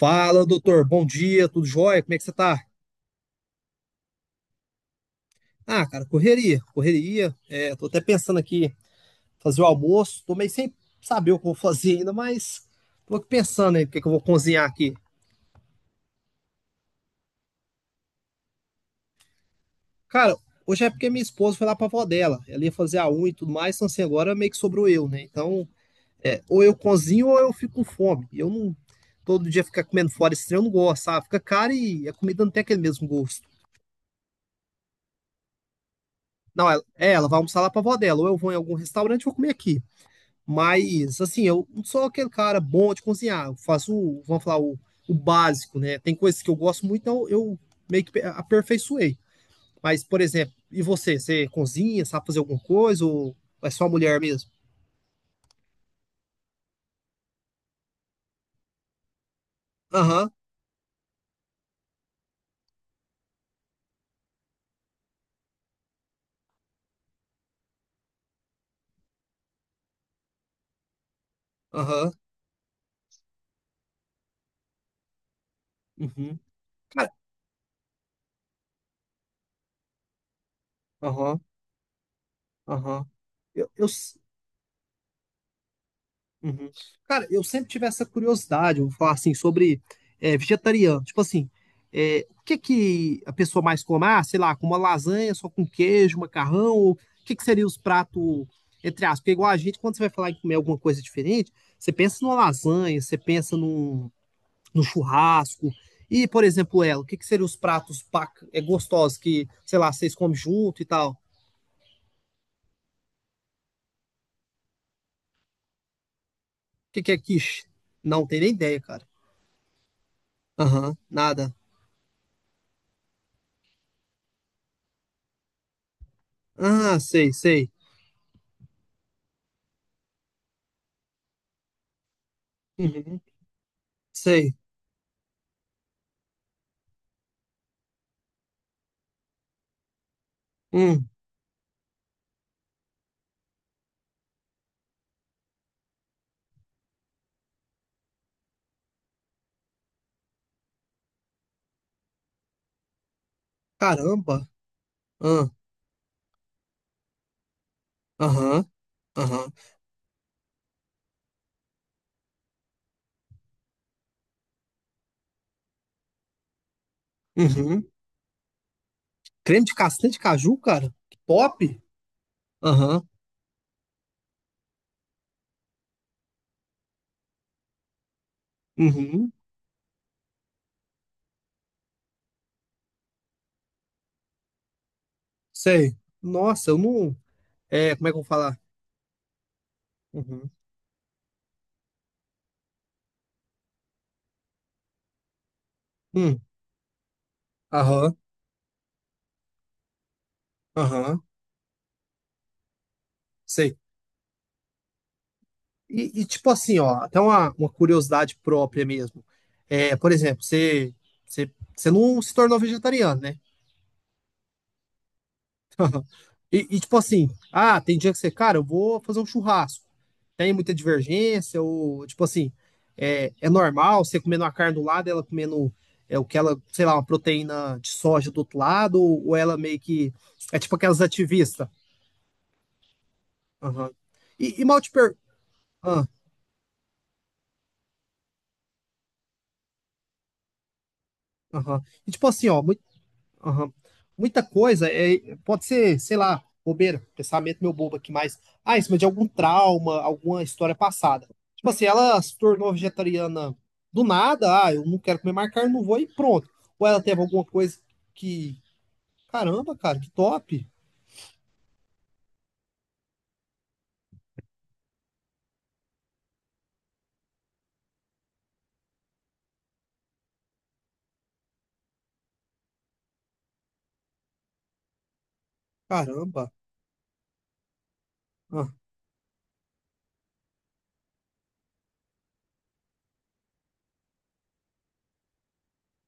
Fala, doutor. Bom dia, tudo jóia? Como é que você tá? Ah, cara, correria, correria. É, tô até pensando aqui fazer o almoço. Tô meio sem saber o que eu vou fazer ainda, mas tô aqui pensando aí o que é que eu vou cozinhar aqui. Cara, hoje é porque minha esposa foi lá pra avó dela. Ela ia fazer a unha e tudo mais, então assim, agora meio que sobrou eu, né? Então, é, ou eu cozinho ou eu fico com fome. Eu não, todo dia ficar comendo fora estranho, eu não gosto, sabe? Fica caro e a comida não tem aquele mesmo gosto. Não, ela vai almoçar lá pra avó dela, ou eu vou em algum restaurante e vou comer aqui. Mas, assim, eu não sou aquele cara bom de cozinhar. Eu faço, vamos falar, o básico, né? Tem coisas que eu gosto muito, então eu meio que aperfeiçoei. Mas, por exemplo, e você? Você cozinha, sabe fazer alguma coisa ou é só mulher mesmo? Aham, aham, uhum, cara, aham, aham. Eu, eu, uhum. Cara, eu sempre tive essa curiosidade, eu vou falar assim, sobre vegetariano. Tipo assim, o que que a pessoa mais come? Ah, sei lá, com uma lasanha, só com queijo, macarrão, ou o que que seria os pratos, entre aspas? Porque igual a gente, quando você vai falar em comer alguma coisa diferente, você pensa numa lasanha, você pensa num churrasco. E, por exemplo, ela, o que que seriam os pratos gostosos que, sei lá, vocês comem junto e tal? O que que é quiche? Não tenho nem ideia, cara. Aham, nada. Ah, sei, sei. Uhum. Sei. Hum. Caramba. Aham. Aham. Aham. Uhum. Creme de castanha de caju, cara? Que Pop? Aham. Uhum. Sei. Nossa, eu não. É, como é que eu vou falar? Uhum. Hum. Aham. Aham. Sei. E tipo assim, ó, até uma curiosidade própria mesmo. É, por exemplo, você não se tornou vegetariano, né? Tipo assim, ah, tem dia que você, cara, eu vou fazer um churrasco. Tem muita divergência, ou tipo assim, é normal você comendo uma carne do lado, ela comendo o que ela, sei lá, uma proteína de soja do outro lado, ou, ela meio que. É tipo aquelas ativistas. Aham. E mal te per... ah, aham. E tipo assim, ó, aham. Muita coisa pode ser, sei lá, bobeira, pensamento meu bobo aqui, mas ah, em cima de algum trauma, alguma história passada. Tipo assim, ela se tornou vegetariana do nada, ah, eu não quero comer mais carne, não vou e pronto. Ou ela teve alguma coisa que, caramba, cara, que top. Caramba. Ah.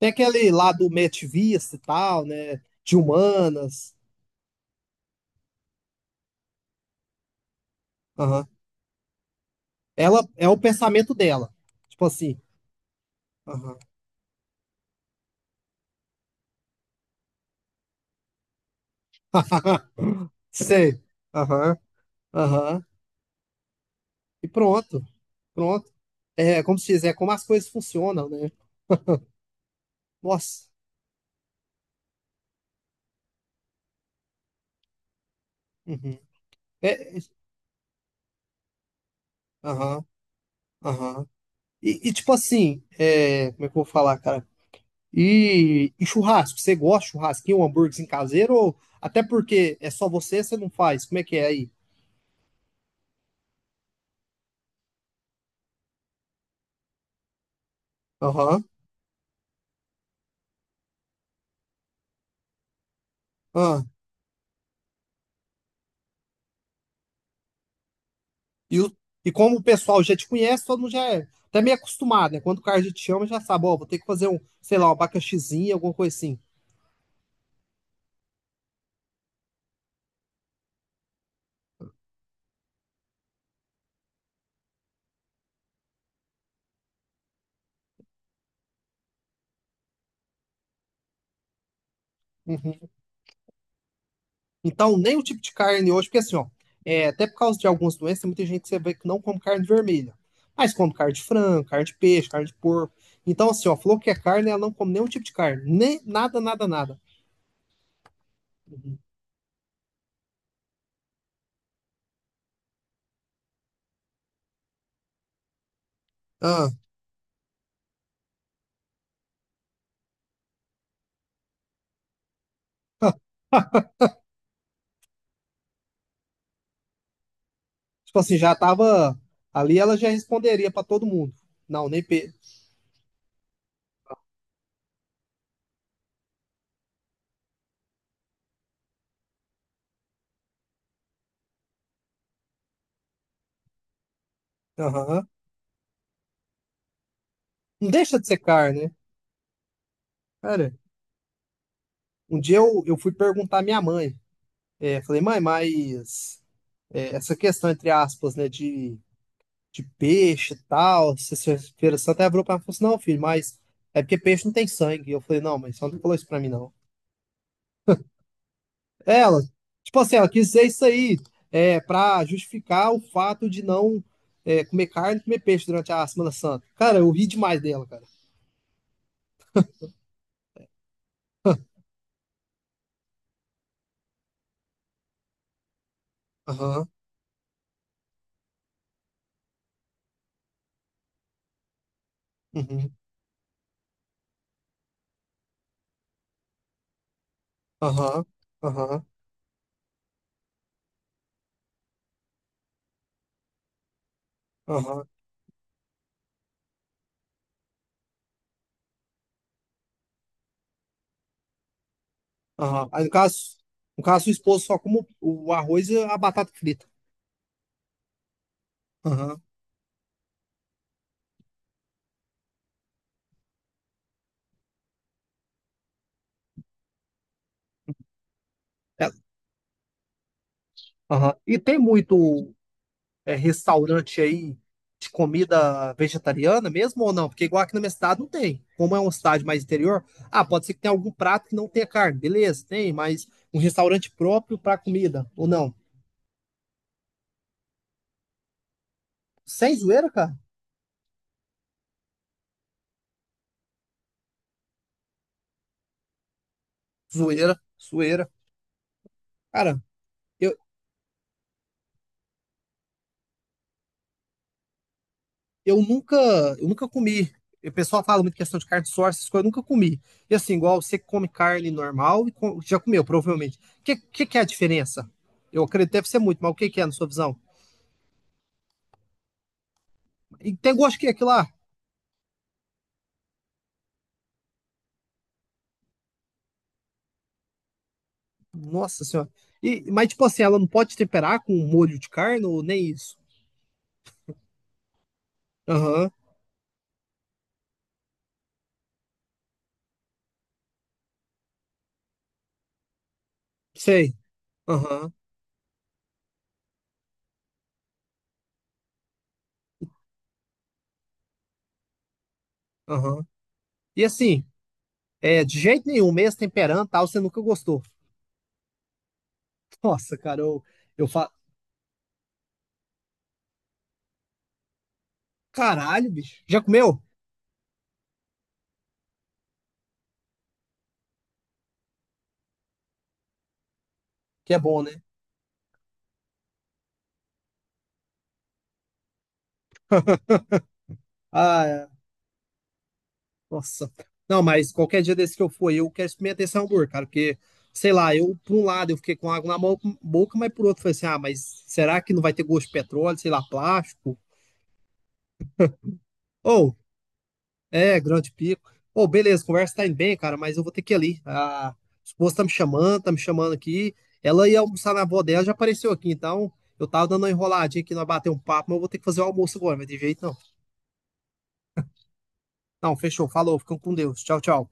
Tem aquele lá do Metivista e tal, né? De humanas. Aham. Ela é o pensamento dela. Tipo assim. Aham. Sei. Aham. Aham. E pronto. Pronto. É, como se diz, é como as coisas funcionam, né? Nossa. Uhum. É, é, aham, aham. Tipo assim, como é que eu vou falar, cara? E churrasco, você gosta de churrasquinho, um hambúrguer caseiro? Ou até porque é só você, você não faz? Como é que é aí? Aham, ah. E, o- e como o pessoal já te conhece, todo mundo já é até meio acostumado, né? Quando o cara já te chama, já sabe, ó, vou ter que fazer um, sei lá, um abacaxizinho, alguma coisa assim. Então, nem o tipo de carne hoje, porque assim, ó, até por causa de algumas doenças, tem muita gente que você vê que não come carne vermelha, mas come carne de frango, carne de peixe, carne de porco. Então, assim, ó, falou que é carne, ela não come nenhum tipo de carne, nem nada, nada, nada. Ah, tipo assim, já tava ali, ela já responderia pra todo mundo. Não, nem peixe. Aham. Não deixa de ser carne, né? Cara, um dia eu fui perguntar à minha mãe. É, falei, mãe, mas essa questão, entre aspas, né, de peixe e tal, se sexta-feira santa, ela virou pra mim e falou assim, não, filho, mas é porque peixe não tem sangue. Eu falei, não, mas só não falou isso pra mim, não. Ela, tipo assim, ela quis dizer isso aí pra justificar o fato de não comer carne e comer peixe durante a Semana Santa. Cara, eu ri demais dela, cara. Aham, uhum, aham, aham, aham, aham. Aí, no caso, sua esposa só como o arroz e a batata frita. Aham. É, aham. E tem muito restaurante aí de comida vegetariana mesmo ou não? Porque igual aqui na minha cidade não tem. Como é uma cidade mais interior, ah, pode ser que tenha algum prato que não tenha carne, beleza, tem, mas um restaurante próprio para comida, ou não? Sem zoeira, cara? Zoeira, zoeira. Cara, eu, eu nunca, eu nunca comi. O pessoal fala muito questão de carne de source, essas coisas, eu nunca comi. E assim, igual você come carne normal e já comeu, provavelmente. O que é a diferença? Eu acredito que deve ser muito, mas o que é na sua visão? E tem gosto que é aquilo lá? Nossa senhora. E, mas tipo assim, ela não pode temperar com molho de carne ou nem isso? Aham, sei. Aham, aham. E assim, de jeito nenhum, mesmo temperando e tal, você nunca gostou. Nossa, cara, eu falo, caralho, bicho. Já comeu? Que é bom, né? Ah, nossa. Não, mas qualquer dia desse que eu for, eu quero experimentar esse hambúrguer, cara, porque, sei lá, eu, por um lado, eu fiquei com água na boca, mas por outro, eu falei assim, ah, mas será que não vai ter gosto de petróleo, sei lá, plástico? Ou, grande pico. Ou, beleza, conversa tá indo bem, cara, mas eu vou ter que ir ali. A esposa tá me chamando aqui. Ela ia almoçar na avó dela, já apareceu aqui, então eu tava dando uma enroladinha aqui, nós bater um papo, mas eu vou ter que fazer o almoço agora, mas de jeito não. Não, fechou, falou, ficam com Deus. Tchau, tchau.